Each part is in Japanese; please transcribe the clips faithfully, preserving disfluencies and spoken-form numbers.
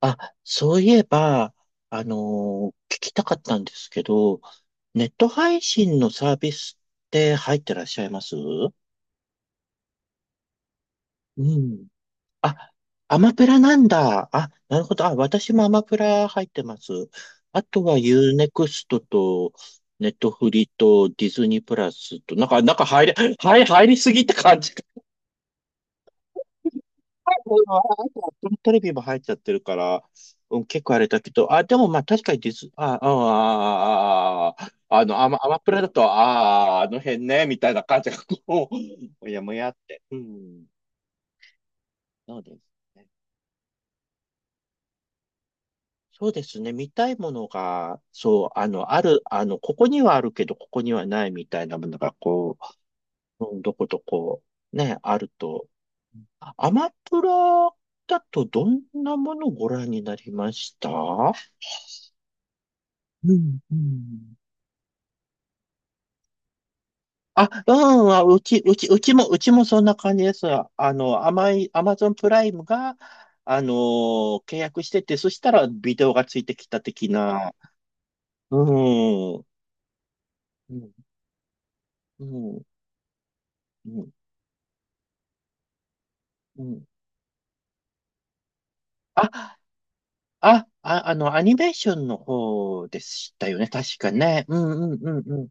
あ、そういえば、あのー聞きたかったんですけど、ネット配信のサービスって入ってらっしゃいます？うん。あ、アマプラなんだ。あ、なるほど。あ、私もアマプラ入ってます。あとはユーネクストと、ネットフリとディズニープラスと、なんか、なんか入り、はい、入りすぎって感じ。もうあとはアップルテレビも入っちゃってるから、うん、結構あれだけど、あ、でもまあ確かにディズ、あ、あ、あ、あ、あ、あの、アマ、アマプラだと、ああ、あの辺ね、みたいな感じがこう、もやもやって。うん、そうですね。そうですね。見たいものが、そう、あの、ある、あの、ここにはあるけど、ここにはないみたいなものが、こう、うん、どことこう、ね、あると。アマプラだとどんなものをご覧になりました？うん、うん。あ、うん、あ、うち、うち、うちも、うちもそんな感じです。あの、甘い、アマゾンプライムが、あのー契約してて、そしたらビデオがついてきた的な。うん、うん、うん、うん。うん、あ、あ、あ、あの、アニメーションの方でしたよね、確かね。うん、うん、うん、うん、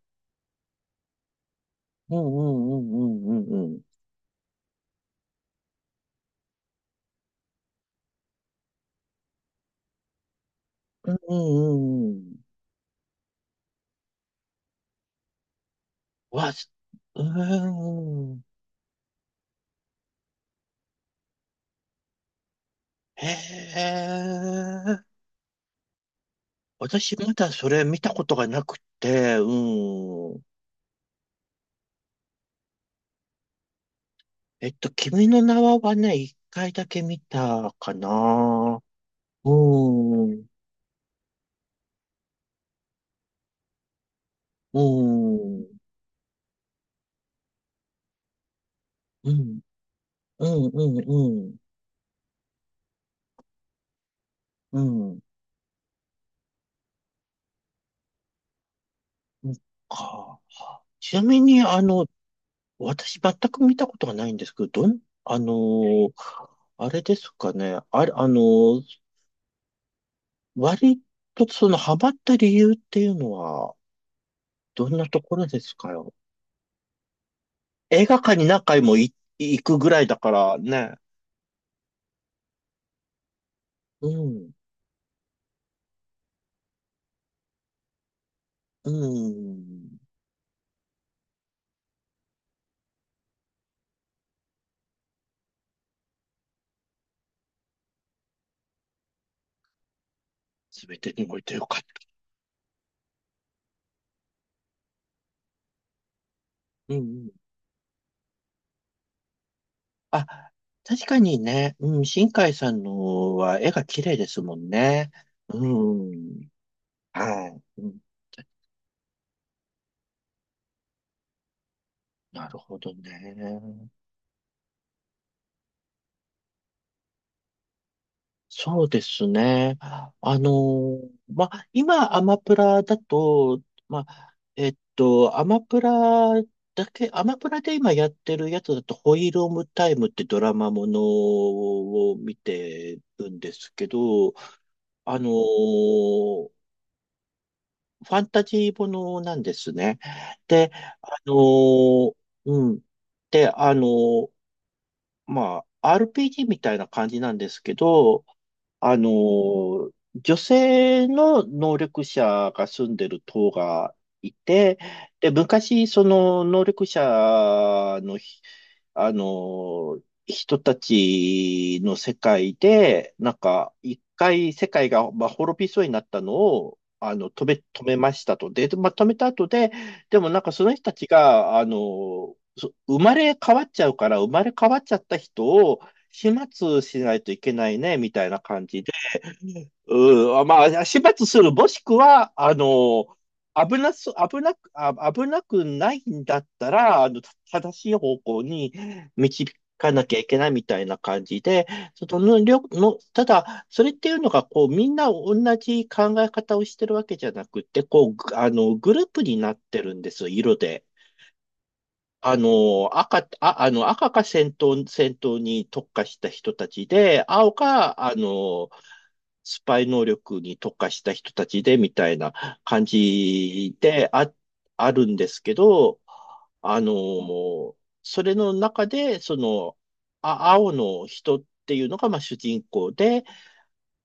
うん、うん、うん、うん、うん。うんうんうんうん。わ、すうーん。へえ。私まだそれ見たことがなくて、うん。えっと、君の名ははね、一回だけ見たかな。うん、うん、うん、うん、うん、うん、うん。うんか。ちなみに、あの、私全く見たことがないんですけど、どん、あの、あれですかね。あれ、あの、割とそのハマった理由っていうのは、どんなところですか？映画館に何回もい行くぐらいだからね。うん。うん。すべてにおいてよかった。うんうん。あ、確かにね。うん。新海さんのは絵が綺麗ですもんね。うん。はい。うん。なるほどね。そうですね。あの、まあ、今、アマプラだと、まあ、えっと、アマプラだけ、アマプラで今やってるやつだと、ホイールオムタイムってドラマものを見てるんですけど、あの、ファンタジーものなんですね。で、あの、うん。で、あの、まあ、アールピージー みたいな感じなんですけど、あのー、女性の能力者が住んでる島がいて、で、昔、その能力者のひ、あのー、人たちの世界で、なんか、一回世界が、まあ、滅びそうになったのを、あの、止め、止めましたと。で、まあ、止めた後で、でもなんかその人たちが、あのー、そ生まれ変わっちゃうから、生まれ変わっちゃった人を、始末しないといけないね、みたいな感じで。うん、まあ、始末する、もしくは、あの、危なす、危なく、あ、危なくないんだったら、あの、正しい方向に導かなきゃいけないみたいな感じで、その、りょの、ただ、それっていうのが、こう、みんな同じ考え方をしてるわけじゃなくて、こう、ぐあの、グループになってるんですよ、色で。あの、赤、あ、あの、赤か戦闘、戦闘に特化した人たちで、青か、あの、スパイ能力に特化した人たちで、みたいな感じで、あ、あるんですけど、あの、それの中で、その、あ、青の人っていうのが、まあ、主人公で、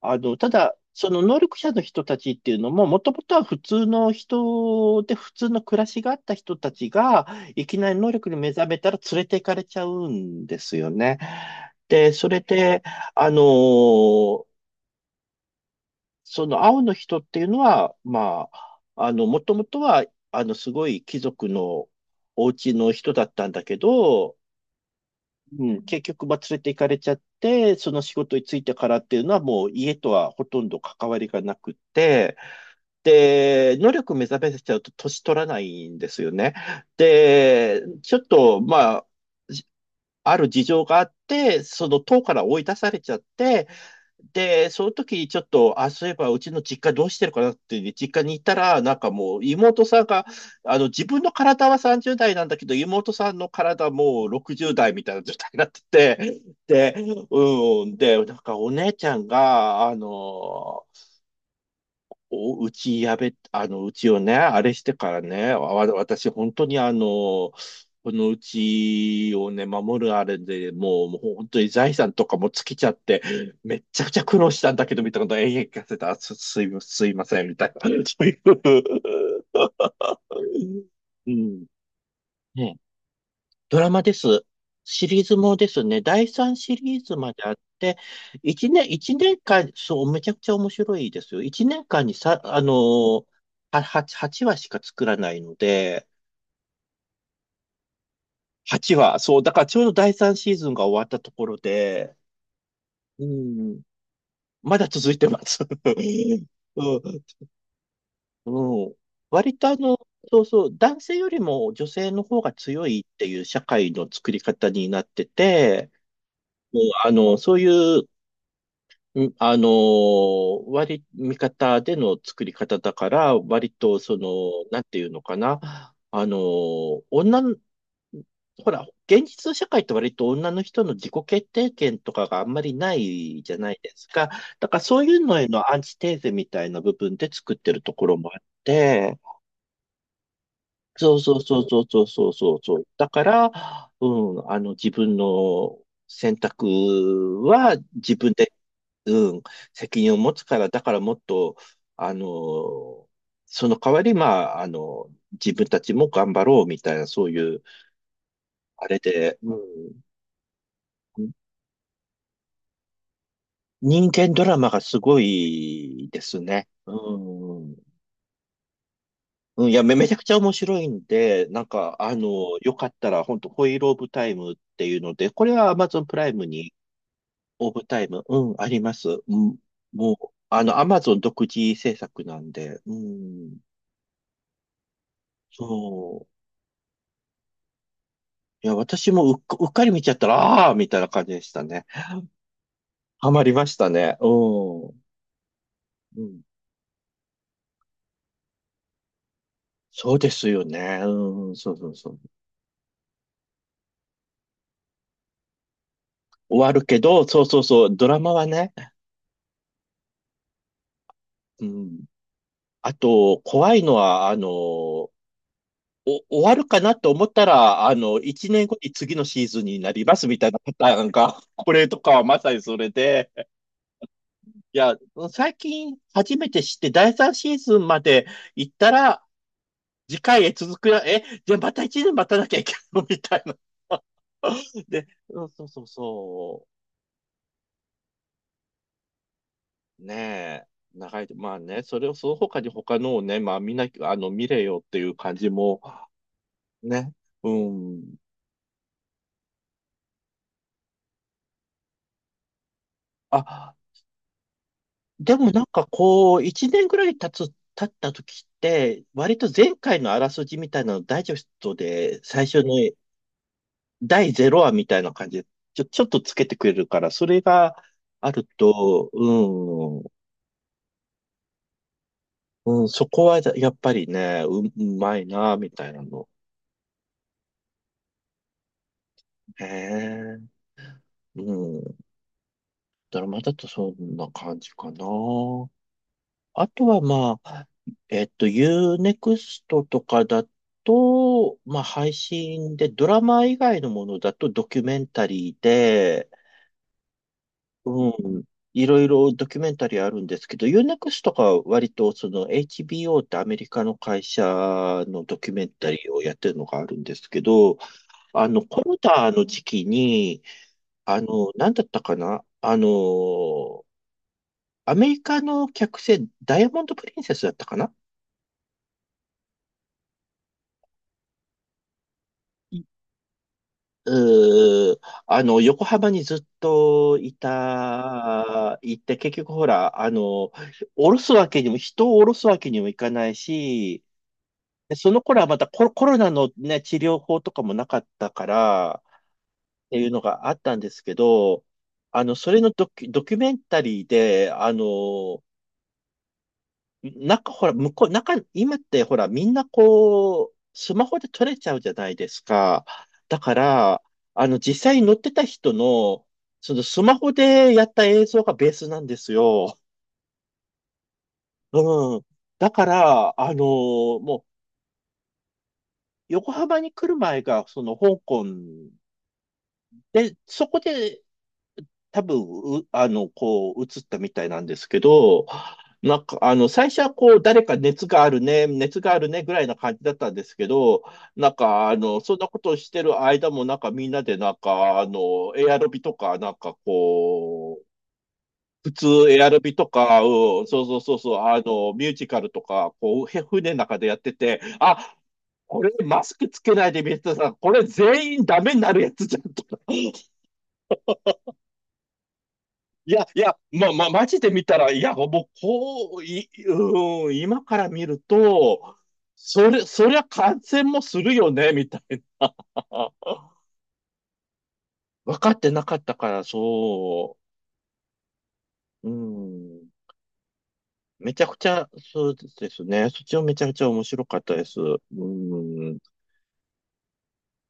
あの、ただ、その能力者の人たちっていうのも、もともとは普通の人で、普通の暮らしがあった人たちが、いきなり能力に目覚めたら連れて行かれちゃうんですよね。で、それで、あのーその青の人っていうのは、まあ、あの、もともとは、あの、すごい貴族のお家の人だったんだけど、うん、結局、まあ、連れて行かれちゃって、その仕事に就いてからっていうのは、もう家とはほとんど関わりがなくて、で、能力目覚めちゃうと年取らないんですよね。で、ちょっと、まあ、ある事情があって、その党から追い出されちゃって、で、その時にちょっと、あ、そういえばうちの実家どうしてるかなっていう実家に行ったら、なんかもう妹さんが、あの自分の体はさんじゅう代なんだけど、妹さんの体はもうろくじゅう代みたいな状態になってて、で、うん、で、なんかお姉ちゃんが、あの、お、うちやべ、あの、うちをね、あれしてからね、わ、私、本当にあの、このうちをね、守るあれでもう、もう本当に財産とかも尽きちゃって、めっちゃくちゃ苦労したんだけど、みたいなことを永遠聞かせた。あす、すい、すいません、みたいな。そういう。うん。ね、ドラマです。シリーズもですね、だいさんシリーズまであって、1年、一年間、そう、めちゃくちゃ面白いですよ。いちねんかんにさ、あのー、は8、話しか作らないので、はちわ、そう、だからちょうどだいさんシーズンが終わったところで、うん、まだ続いてます。うん、うん、割とあの、そうそう、男性よりも女性の方が強いっていう社会の作り方になってて、もうあの、そういう、うん、あのー割り、味方での作り方だから、割と、その、なんていうのかな。あのー女の、ほら、現実の社会って割と女の人の自己決定権とかがあんまりないじゃないですか。だからそういうのへのアンチテーゼみたいな部分で作ってるところもあって、そうそうそうそうそうそうそうそう。だから、うん、あの、自分の選択は自分で、うん、責任を持つから、だからもっと、あの、その代わり、まあ、あの、自分たちも頑張ろうみたいな、そういう、あれで、うん、人間ドラマがすごいですね。うん。うん、いや、め、めちゃくちゃ面白いんで、なんか、あの、よかったら、本当ホイールオブタイムっていうので、これは Amazon プライムに、オブタイム、うん、あります。うん、もう、あの、Amazon 独自制作なんで、うん、そう。いや、私もうっか、うっかり見ちゃったら、ああーみたいな感じでしたね。ハマりましたね。うん。うん。そうですよね。うん、そうそうそう。終わるけど、そうそうそう、ドラマはね。うん。あと、怖いのは、あの、お、終わるかなと思ったら、あの、一年後に次のシーズンになりますみたいなパターンが、これとかはまさにそれで、いや、最近初めて知って、だいさんシーズンまで行ったら、次回へ続くよ。え、じゃあまた一年待たなきゃいけないのみたいな。で、うん、そうそうそう。ねえ。長いと、まあね、それをその他に他のをね、まあ見なきゃ、あの、見れよっていう感じも、ね。うん。あ、でもなんかこう、いちねんぐらい経つ、経った時って、割と前回のあらすじみたいなのダイジェストで最初のだいゼロわみたいな感じで、ちょ、ちょっとつけてくれるから、それがあると、うんうん、そこはやっぱりね、う、うまいな、みたいなの。へえ。うん。ドラマだとそんな感じかな。あとはまあ、えっと、Unext とかだと、まあ配信で、ドラマ以外のものだとドキュメンタリーで、うん。いろいろドキュメンタリーあるんですけど、Unext とかは割とその エイチビーオー ってアメリカの会社のドキュメンタリーをやってるのがあるんですけど、あの、コロナの時期に、あの、なんだったかなあの、アメリカの客船、ダイヤモンド・プリンセスだったかなうー、あの、横浜にずっといた、いて、結局ほら、あの、降ろすわけにも、人を降ろすわけにもいかないし、でその頃はまたコロ、コロナのね、治療法とかもなかったから、っていうのがあったんですけど、あの、それのドキュ、ドキュメンタリーで、あの、中、ほら、向こう、中、今ってほら、みんなこう、スマホで撮れちゃうじゃないですか。だから、あの、実際に乗ってた人の、そのスマホでやった映像がベースなんですよ。うん。だから、あのもう、横浜に来る前が、その香港で、そこで多分、うあの、こう、映ったみたいなんですけど、なんか、あの、最初はこう、誰か熱があるね、熱があるね、ぐらいな感じだったんですけど、なんか、あの、そんなことをしてる間も、なんかみんなで、なんか、あの、エアロビとか、なんかこう、普通エアロビとか、うん、そうそうそうそう、あの、ミュージカルとか、こう、へ船の中でやってて、あ、これマスクつけないで見てたら、これ全員ダメになるやつじゃんとか。いや、いや、ま、ま、マジで見たら、いや、もう、こう、い、うん、今から見ると、それ、そりゃ感染もするよね、みたいな。分かってなかったから、そう。うん。めちゃくちゃ、そうですね。そっちもめちゃくちゃ面白かったです。うん。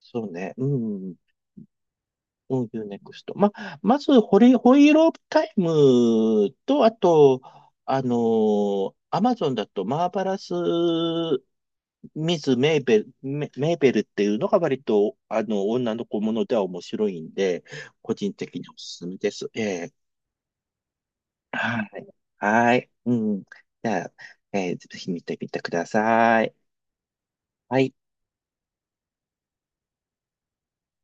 そうね。うん。うん、ユーネクスト。ま、まず、ホリ、ホイールオブタイムと、あと、あのー、アマゾンだと、マーバラス・ミズ・メーベル、メ、メーベルっていうのが割と、あの、女の子ものでは面白いんで、個人的におすすめです。ええはい。はい。うん。じゃあ、えーぜひ見てみてください。はい。